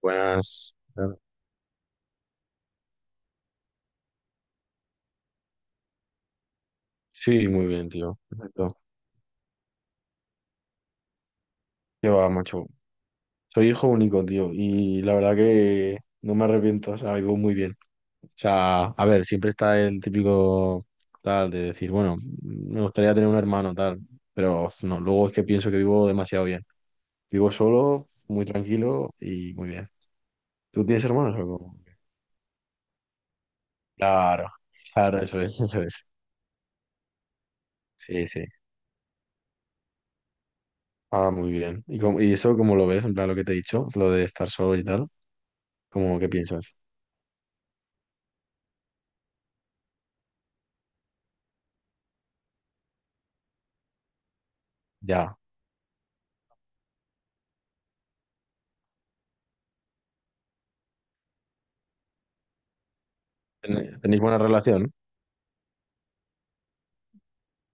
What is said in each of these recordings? Buenas. Sí, muy bien, tío. Perfecto. Qué va, macho. Soy hijo único, tío. Y la verdad que no me arrepiento. O sea, vivo muy bien. O sea, a ver, siempre está el típico tal de decir, bueno, me gustaría tener un hermano, tal. Pero no, luego es que pienso que vivo demasiado bien. Vivo solo, muy tranquilo y muy bien. ¿Tú tienes hermanos o cómo? Claro, claro, eso es, eso es. Sí, sí. Ah, muy bien. ¿Y, y eso cómo lo ves? En plan, lo que te he dicho, lo de estar solo y tal. ¿Cómo qué piensas? Ya. ¿Tenéis buena relación?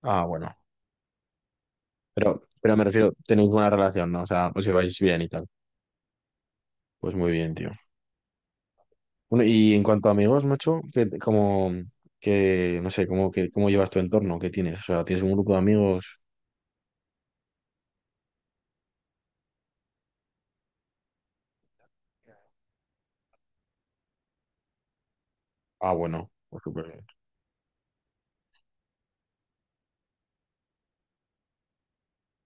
Ah, bueno. Pero, pero me refiero, tenéis buena relación, ¿no? O sea, os lleváis bien y tal. Pues muy bien, tío. Bueno, y en cuanto a amigos, macho, que como que no sé, cómo que cómo llevas tu entorno, ¿qué tienes? O sea, ¿tienes un grupo de amigos? Ah, bueno, pues súper bien,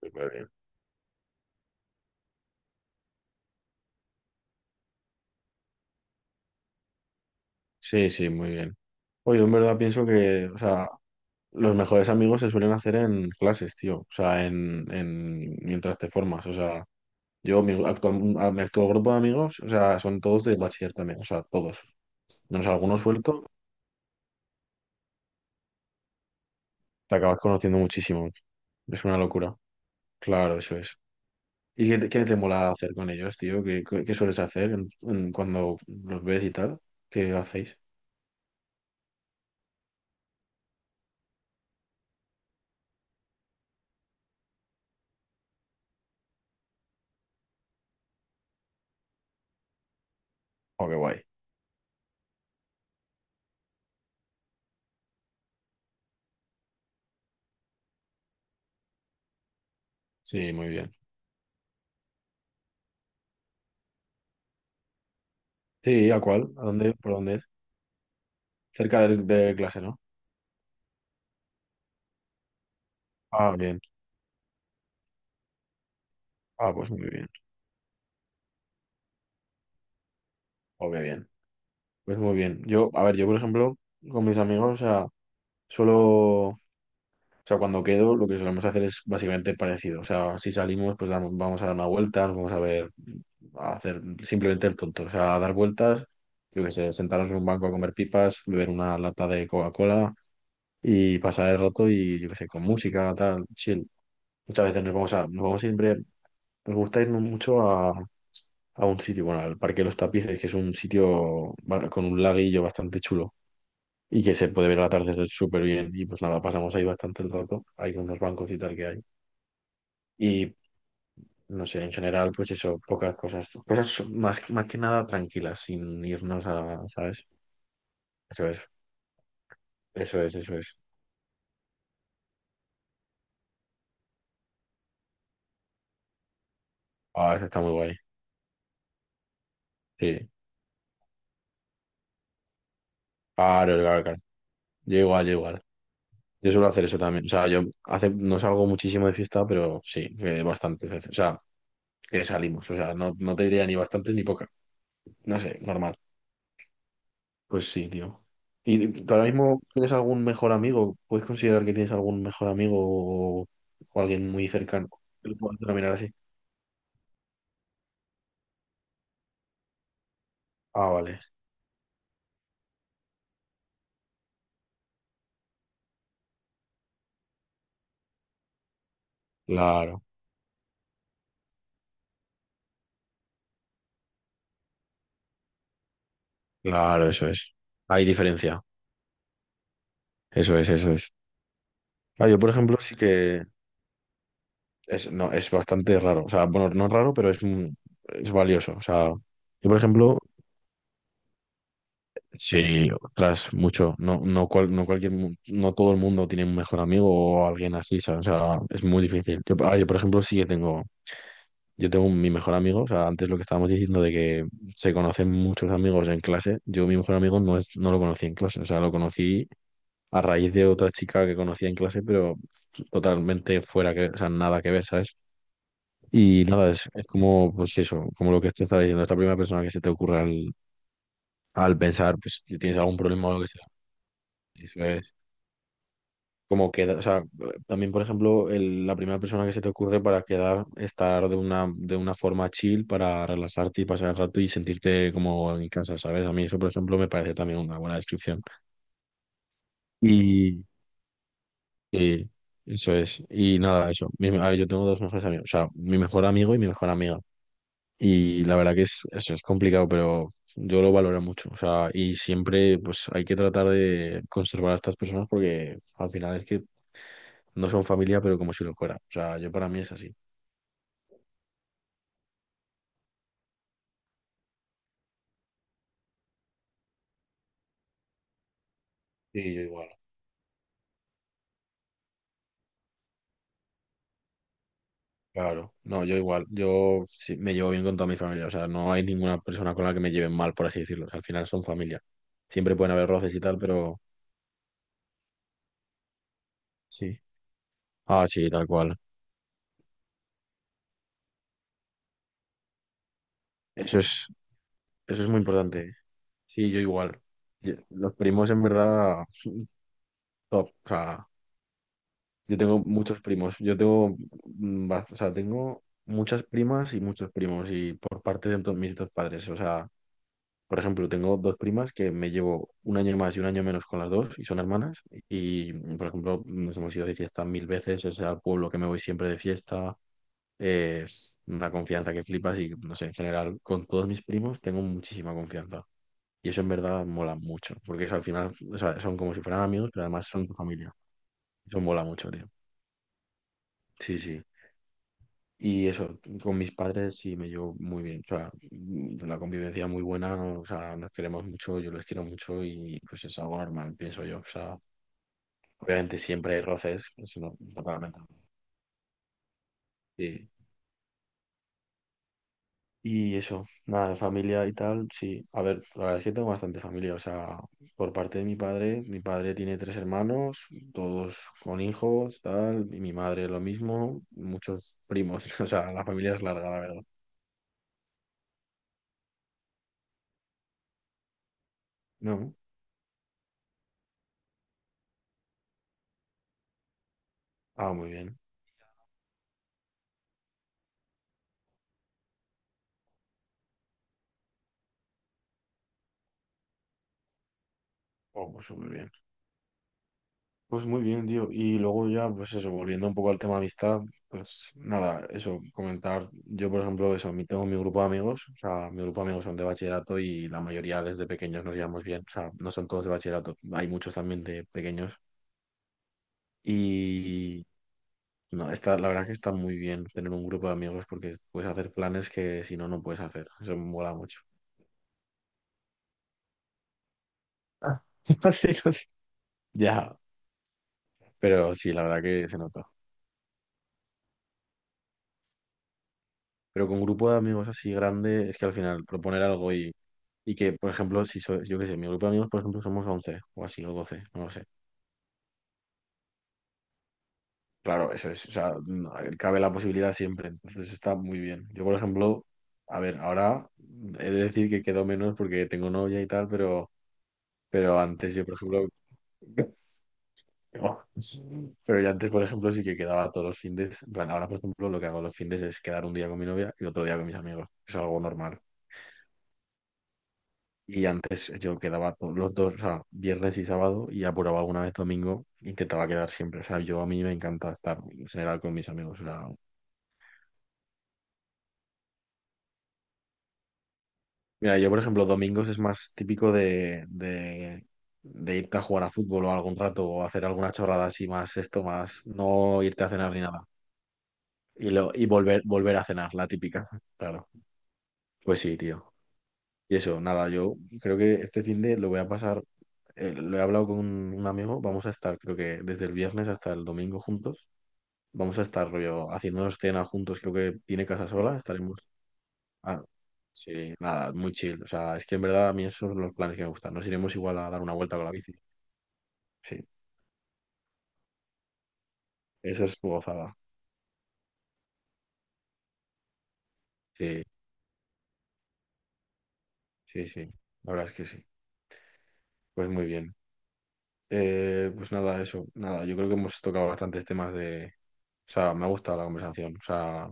súper bien. Sí, sí, muy bien. Oye, en verdad pienso que, o sea, los mejores amigos se suelen hacer en clases, tío. O sea, en mientras te formas. O sea, Yo, mi actual, mi actual grupo de amigos, o sea, son todos de bachiller también, o sea, todos. Menos algunos suelto, te acabas conociendo muchísimo. Es una locura. Claro, eso es. ¿Y qué te mola hacer con ellos, tío? ¿Qué sueles hacer en cuando los ves y tal? ¿Qué hacéis? Oh, qué guay. Sí, muy bien. Sí, ¿a cuál? ¿A dónde? ¿Por dónde es? Cerca de clase, ¿no? Ah, bien. Ah, pues muy bien. Oh, qué bien. Pues muy bien. Yo, a ver, yo, por ejemplo, con mis amigos, o sea, solo. O sea, cuando quedo, lo que solemos hacer es básicamente parecido. O sea, si salimos, pues vamos a dar una vuelta, nos vamos a ver, a hacer simplemente el tonto. O sea, a dar vueltas, yo qué sé, sentarnos en un banco a comer pipas, beber una lata de Coca-Cola y pasar el rato y, yo qué sé, con música, tal, chill. Muchas veces nos vamos siempre, nos gusta irnos mucho a, un sitio, bueno, al Parque de los Tapices, que es un sitio con un laguillo bastante chulo y que se puede ver la tarde súper bien. Y pues nada, pasamos ahí bastante el rato, hay unos bancos y tal que hay. Y no sé, en general, pues eso, pocas cosas, cosas más, más que nada tranquilas, sin irnos a, ¿sabes? Eso es, eso es, eso es. Ah, eso está muy guay. Sí. Claro, claro, claro. Yo igual, yo igual. Yo suelo hacer eso también. O sea, no salgo muchísimo de fiesta, pero sí, bastantes veces. O sea, que salimos. O sea, no, no te diría ni bastantes ni pocas. No sé, normal. Pues sí, tío. ¿Y tú ahora mismo tienes algún mejor amigo? ¿Puedes considerar que tienes algún mejor amigo o, o alguien muy cercano que lo puedas denominar así? Ah, vale. Claro, claro, eso es. Hay diferencia. Eso es, eso es. Ah, yo, por ejemplo, sí que es, no, es bastante raro. O sea, bueno, no es raro, pero es valioso. O sea, yo, por ejemplo, sí, tras mucho, no, no, no cualquier, no todo el mundo tiene un mejor amigo o alguien así, ¿sabes? O sea, es muy difícil. Yo, por ejemplo, sí que tengo, yo tengo mi mejor amigo, o sea, antes lo que estábamos diciendo de que se conocen muchos amigos en clase, yo mi mejor amigo no lo conocí en clase, o sea, lo conocí a raíz de otra chica que conocía en clase, pero totalmente fuera que, o sea, nada que ver, ¿sabes? Y nada, es como, pues eso, como lo que te estaba diciendo, es la primera persona que se te ocurre al pensar, pues, si tienes algún problema o lo que sea. Eso es como queda, o sea, también, por ejemplo, la primera persona que se te ocurre para quedar, estar de una forma chill, para relajarte y pasar el rato y sentirte como en casa, ¿sabes? A mí eso, por ejemplo, me parece también una buena descripción. Y eso es. Y nada, eso. A ver, yo tengo dos mejores amigos. O sea, mi mejor amigo y mi mejor amiga. Y la verdad que eso es complicado, pero yo lo valoro mucho. O sea, y siempre pues hay que tratar de conservar a estas personas porque al final es que no son familia, pero como si lo fuera. O sea, yo para mí es así. Y yo igual. Claro. No, yo igual. Yo sí, me llevo bien con toda mi familia. O sea, no hay ninguna persona con la que me lleven mal, por así decirlo. O sea, al final son familia. Siempre pueden haber roces y tal, pero sí. Ah, sí, tal cual. Eso es. Eso es muy importante. Sí, yo igual. Los primos en verdad, top. O sea, yo tengo muchos primos. Yo tengo, mm, ba- o sea, tengo muchas primas y muchos primos y por parte de mis dos padres. O sea, por ejemplo, tengo dos primas que me llevo un año más y un año menos con las dos y son hermanas. Y, por ejemplo, nos hemos ido de fiesta mil veces. Es al pueblo que me voy siempre de fiesta. Es una confianza que flipas y, no sé, en general, con todos mis primos tengo muchísima confianza. Y eso en verdad mola mucho, porque eso, al final o sea, son como si fueran amigos, pero además son tu familia. Eso mola mucho, tío. Sí, sí. Y eso, con mis padres sí me llevo muy bien. O sea, la convivencia muy buena, o sea, nos queremos mucho, yo les quiero mucho y pues es algo normal, pienso yo. O sea, obviamente siempre hay roces, eso no, totalmente. Sí. Y eso, nada, de familia y tal, sí. A ver, la verdad es que tengo bastante familia. O sea, por parte de mi padre tiene tres hermanos, todos con hijos, tal, y mi madre lo mismo, muchos primos. O sea, la familia es larga, la verdad. No, muy bien. Oh, pues muy bien. Pues muy bien, tío. Y luego ya, pues eso, volviendo un poco al tema amistad, pues nada, eso, comentar. Yo, por ejemplo, eso, tengo mi grupo de amigos, o sea, mi grupo de amigos son de bachillerato y la mayoría desde pequeños nos llevamos bien, o sea, no son todos de bachillerato, hay muchos también de pequeños. Y no, la verdad que está muy bien tener un grupo de amigos porque puedes hacer planes que si no, no puedes hacer. Eso me mola mucho. Ah. Sí, no sé. Ya, pero sí, la verdad que se nota. Pero con grupo de amigos así grande, es que al final proponer algo y, que, por ejemplo, si soy, yo qué sé, mi grupo de amigos, por ejemplo, somos 11 o así, o 12 no lo sé. Claro, eso es, o sea, no, cabe la posibilidad siempre, entonces está muy bien. Yo, por ejemplo, a ver, ahora he de decir que quedo menos porque tengo novia y tal, pero antes yo, por ejemplo, pero yo antes, por ejemplo, sí que quedaba todos los findes, en plan, ahora, por ejemplo, lo que hago los findes es quedar un día con mi novia y otro día con mis amigos, es algo normal. Y antes yo quedaba los dos, o sea, viernes y sábado y apuraba alguna vez domingo, intentaba quedar siempre. O sea, yo a mí me encanta estar en general con mis amigos. O sea, mira, yo por ejemplo, domingos es más típico de irte a jugar a fútbol o algún rato o hacer alguna chorrada así más esto, más no irte a cenar ni nada. Y volver a cenar, la típica, claro. Pues sí, tío. Y eso, nada, yo creo que este fin de lo voy a pasar, lo he hablado con un amigo, vamos a estar creo que desde el viernes hasta el domingo juntos. Vamos a estar rollo haciéndonos cena juntos, creo que tiene casa sola, estaremos. Ah, sí, nada, muy chill. O sea, es que en verdad a mí esos son los planes que me gustan. Nos iremos igual a dar una vuelta con la bici. Sí, eso es gozada. Sí, sí, sí. La verdad es que sí. Pues muy bien. Pues nada, eso, nada. Yo creo que hemos tocado bastantes temas de. O sea, me ha gustado la conversación. O sea,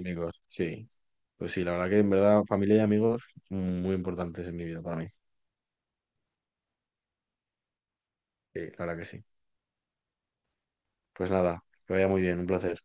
amigos. Sí. Pues sí, la verdad que en verdad familia y amigos muy importantes en mi vida para mí. Sí, la verdad que sí. Pues nada, que vaya muy bien, un placer.